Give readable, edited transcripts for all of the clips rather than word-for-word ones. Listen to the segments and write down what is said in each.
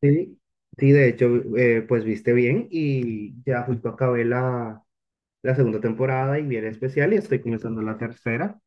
Sí, sí, de hecho, pues viste bien y ya justo acabé la segunda temporada y viene especial y estoy comenzando la tercera.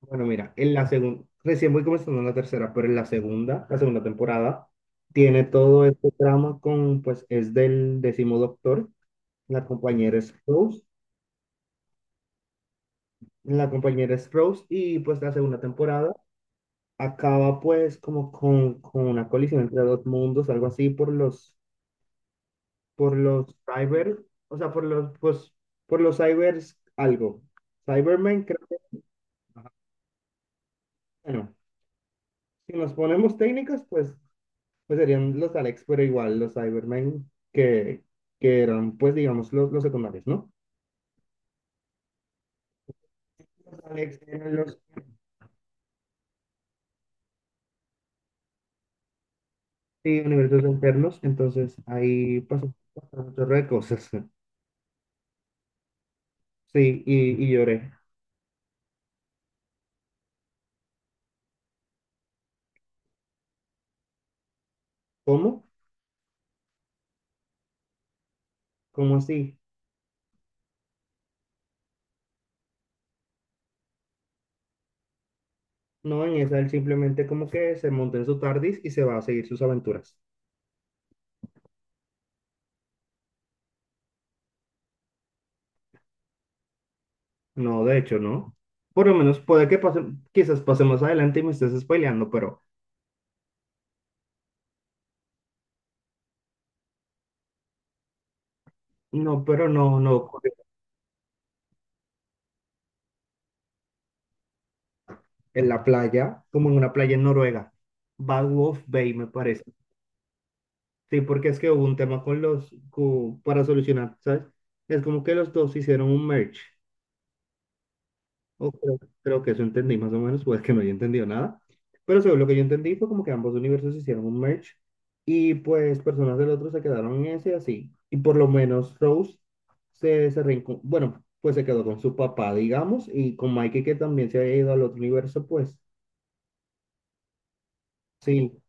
Bueno, mira, en la segunda, recién voy comenzando la tercera, pero en la segunda, temporada, tiene todo este drama con, pues es del décimo doctor, la compañera es Rose, la compañera es Rose, y pues la segunda temporada acaba pues como con, una colisión entre dos mundos, algo así por los cyber, o sea, por los, pues, por los cybers algo. Cybermen creo que, ajá. Bueno, si nos ponemos técnicas, pues, pues serían los Alex, pero igual los Cybermen que eran, pues, digamos, los secundarios, ¿no? Los Alex eran los. Sí, universos internos, entonces ahí pasó, pasó un chorro de cosas. Sí, y lloré. ¿Cómo? ¿Cómo así? No, en esa él simplemente como que se monta en su TARDIS y se va a seguir sus aventuras. No, de hecho, no. Por lo menos puede que pase, quizás pase más adelante y me estés spoileando, pero no, no ocurre. En la playa, como en una playa en Noruega, Bad Wolf Bay, me parece. Sí, porque es que hubo un tema con los, para solucionar, ¿sabes? Es como que los dos hicieron un merge. O creo que eso entendí más o menos, pues que no haya entendido nada. Pero según lo que yo entendí fue como que ambos universos hicieron un merge y pues personas del otro se quedaron en ese así. Y por lo menos Rose se, bueno, pues se quedó con su papá, digamos, y con Mikey que también se había ido al otro universo, pues sí,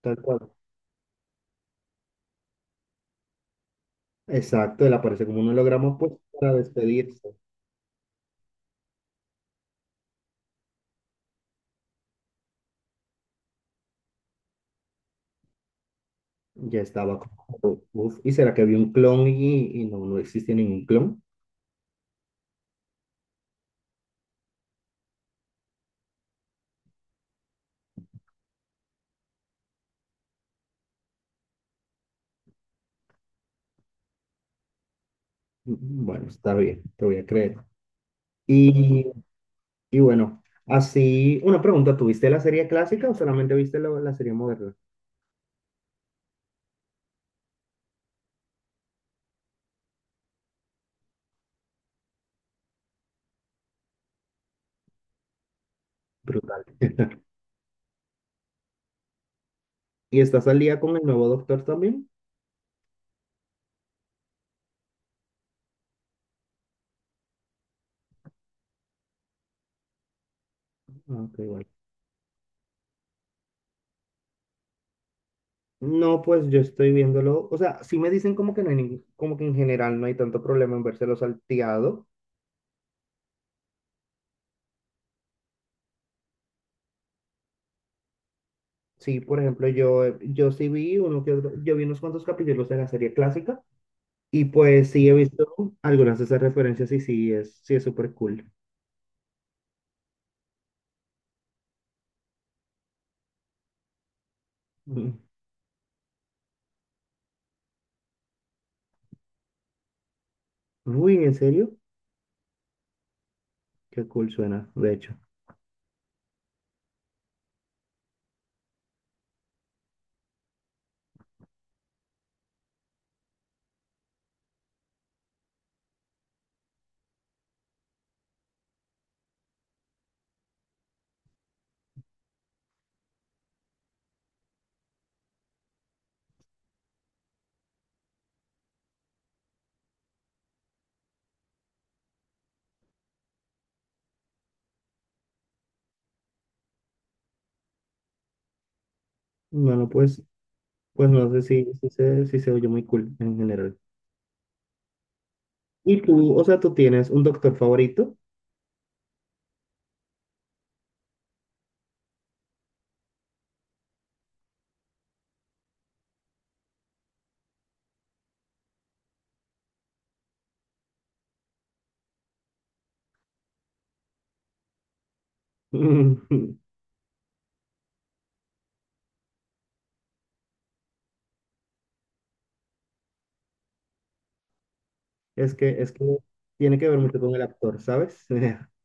tal cual. Exacto, él aparece como un holograma pues para despedirse. Ya estaba como, uf, ¿y será que había un clon y no, no existe ningún clon? Bueno, está bien, te voy a creer. Y Y bueno, así, una pregunta, ¿tuviste la serie clásica o solamente viste la serie moderna? Brutal. ¿Y estás al día con el nuevo Doctor también? Ah, ok, bueno. No, pues yo estoy viéndolo, o sea, sí me dicen como que no hay como que en general no hay tanto problema en vérselo salteado. Sí, por ejemplo, yo, yo sí vi yo vi unos cuantos capítulos de la serie clásica y pues sí he visto algunas de esas referencias y sí es súper cool. Ujú. Uy, ¿en serio? Qué cool suena, de hecho. Bueno, pues pues no sé si, si se, si se oye muy cool en general. Y tú, o sea, tú tienes un doctor favorito. Es que tiene que ver mucho con el actor, ¿sabes?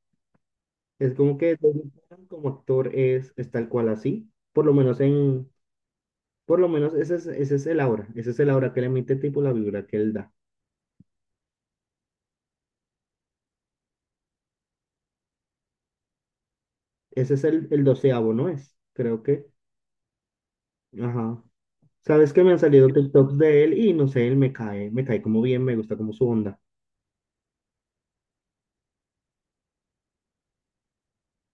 Es como que David Tennant como actor es tal cual así. Por lo menos ese es, el aura. Ese es el aura que le emite tipo la vibra que él da. Ese es el doceavo, ¿no es? Creo que. Ajá. Sabes que me han salido TikToks de él y no sé, él me cae como bien, me gusta como su onda.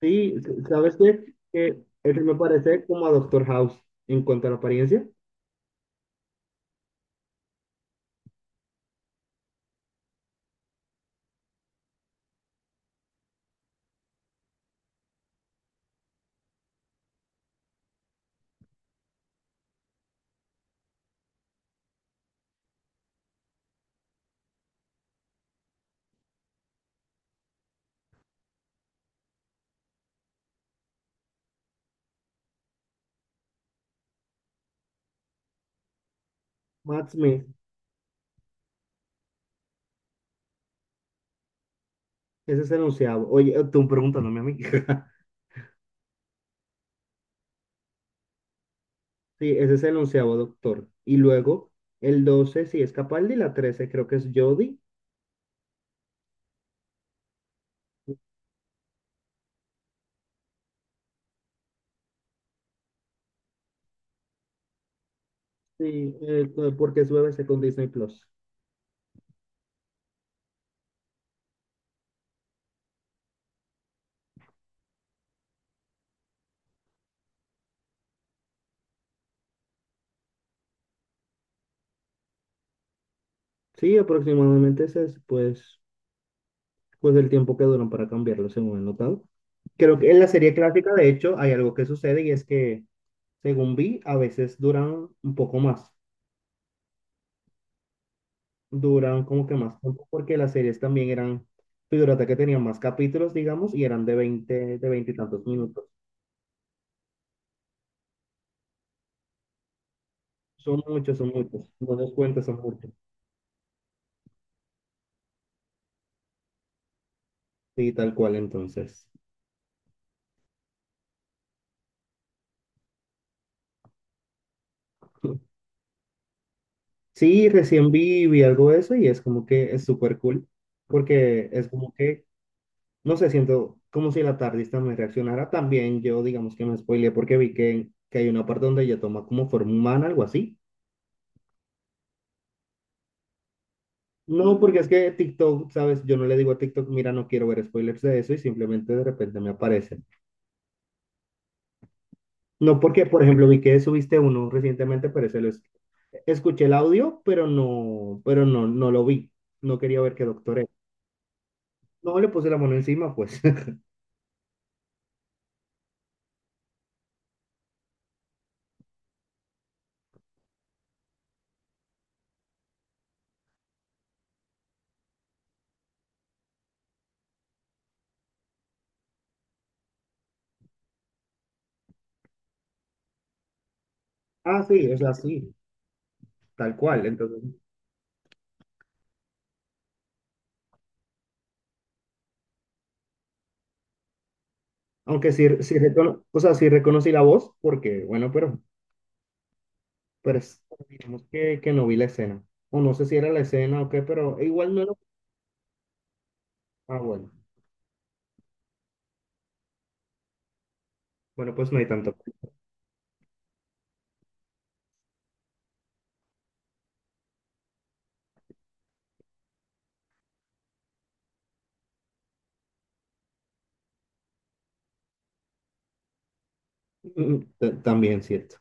Sí, ¿sabes qué? Que él me parece como a Doctor House en cuanto a la apariencia. Matt Smith, ese es el onceavo. Oye, tú preguntándome a mí. Sí, ese es el onceavo doctor. Y luego, el 12 sí es Capaldi, la 13 creo que es Jodie. Sí, porque es BBC con Disney Plus. Sí, aproximadamente ese es pues, pues el tiempo que duran para cambiarlo, según he notado. Creo que en la serie clásica, de hecho, hay algo que sucede y es que, según vi, a veces duran un poco más. Duraron como que más tiempo porque las series también eran, figúrate que tenían más capítulos, digamos, y eran de 20 y tantos minutos. Son muchos, son muchos. No los cuentas, son muchos. Sí, tal cual, entonces. Sí, recién vi, algo de eso y es como que es súper cool porque es como que, no sé, siento como si la tardista me reaccionara. También yo, digamos que me spoileé porque vi que hay una parte donde ella toma como forma humana, algo así. No, porque es que TikTok, ¿sabes? Yo no le digo a TikTok, mira, no quiero ver spoilers de eso y simplemente de repente me aparecen. No porque, por ejemplo, vi que subiste uno recientemente, pero ese escuché el audio, pero no, no lo vi. No quería ver qué doctor era. No le puse la mano encima, pues. Ah, sí, es así, tal cual. Entonces, aunque sí, o sea, sí reconocí la voz, porque, bueno, pero digamos que no vi la escena. O no sé si era la escena o qué, pero igual no lo... Ah, bueno. Bueno, pues no hay tanto. Mm, también cierto.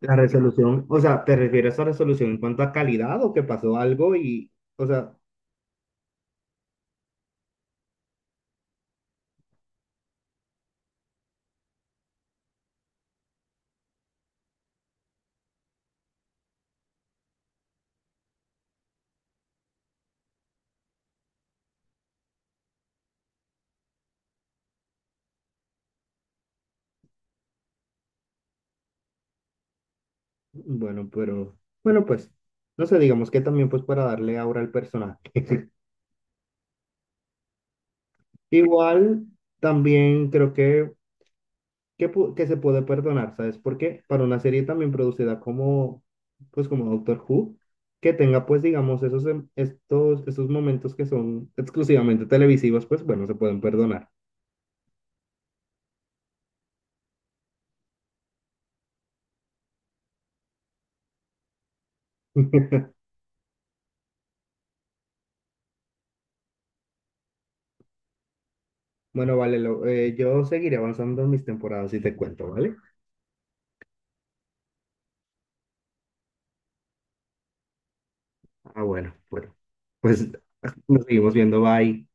La resolución, o sea, ¿te refieres a resolución en cuanto a calidad o que pasó algo y, o sea, bueno, pero, bueno, pues, no sé, digamos que también pues para darle aura al personaje. Igual, también creo que, que se puede perdonar, ¿sabes? Porque para una serie también producida como, pues como Doctor Who, que tenga pues, digamos, esos, estos momentos que son exclusivamente televisivos, pues bueno, se pueden perdonar. Bueno, vale, yo seguiré avanzando en mis temporadas y te cuento, ¿vale? Ah, bueno, bueno. Pues nos seguimos viendo, bye.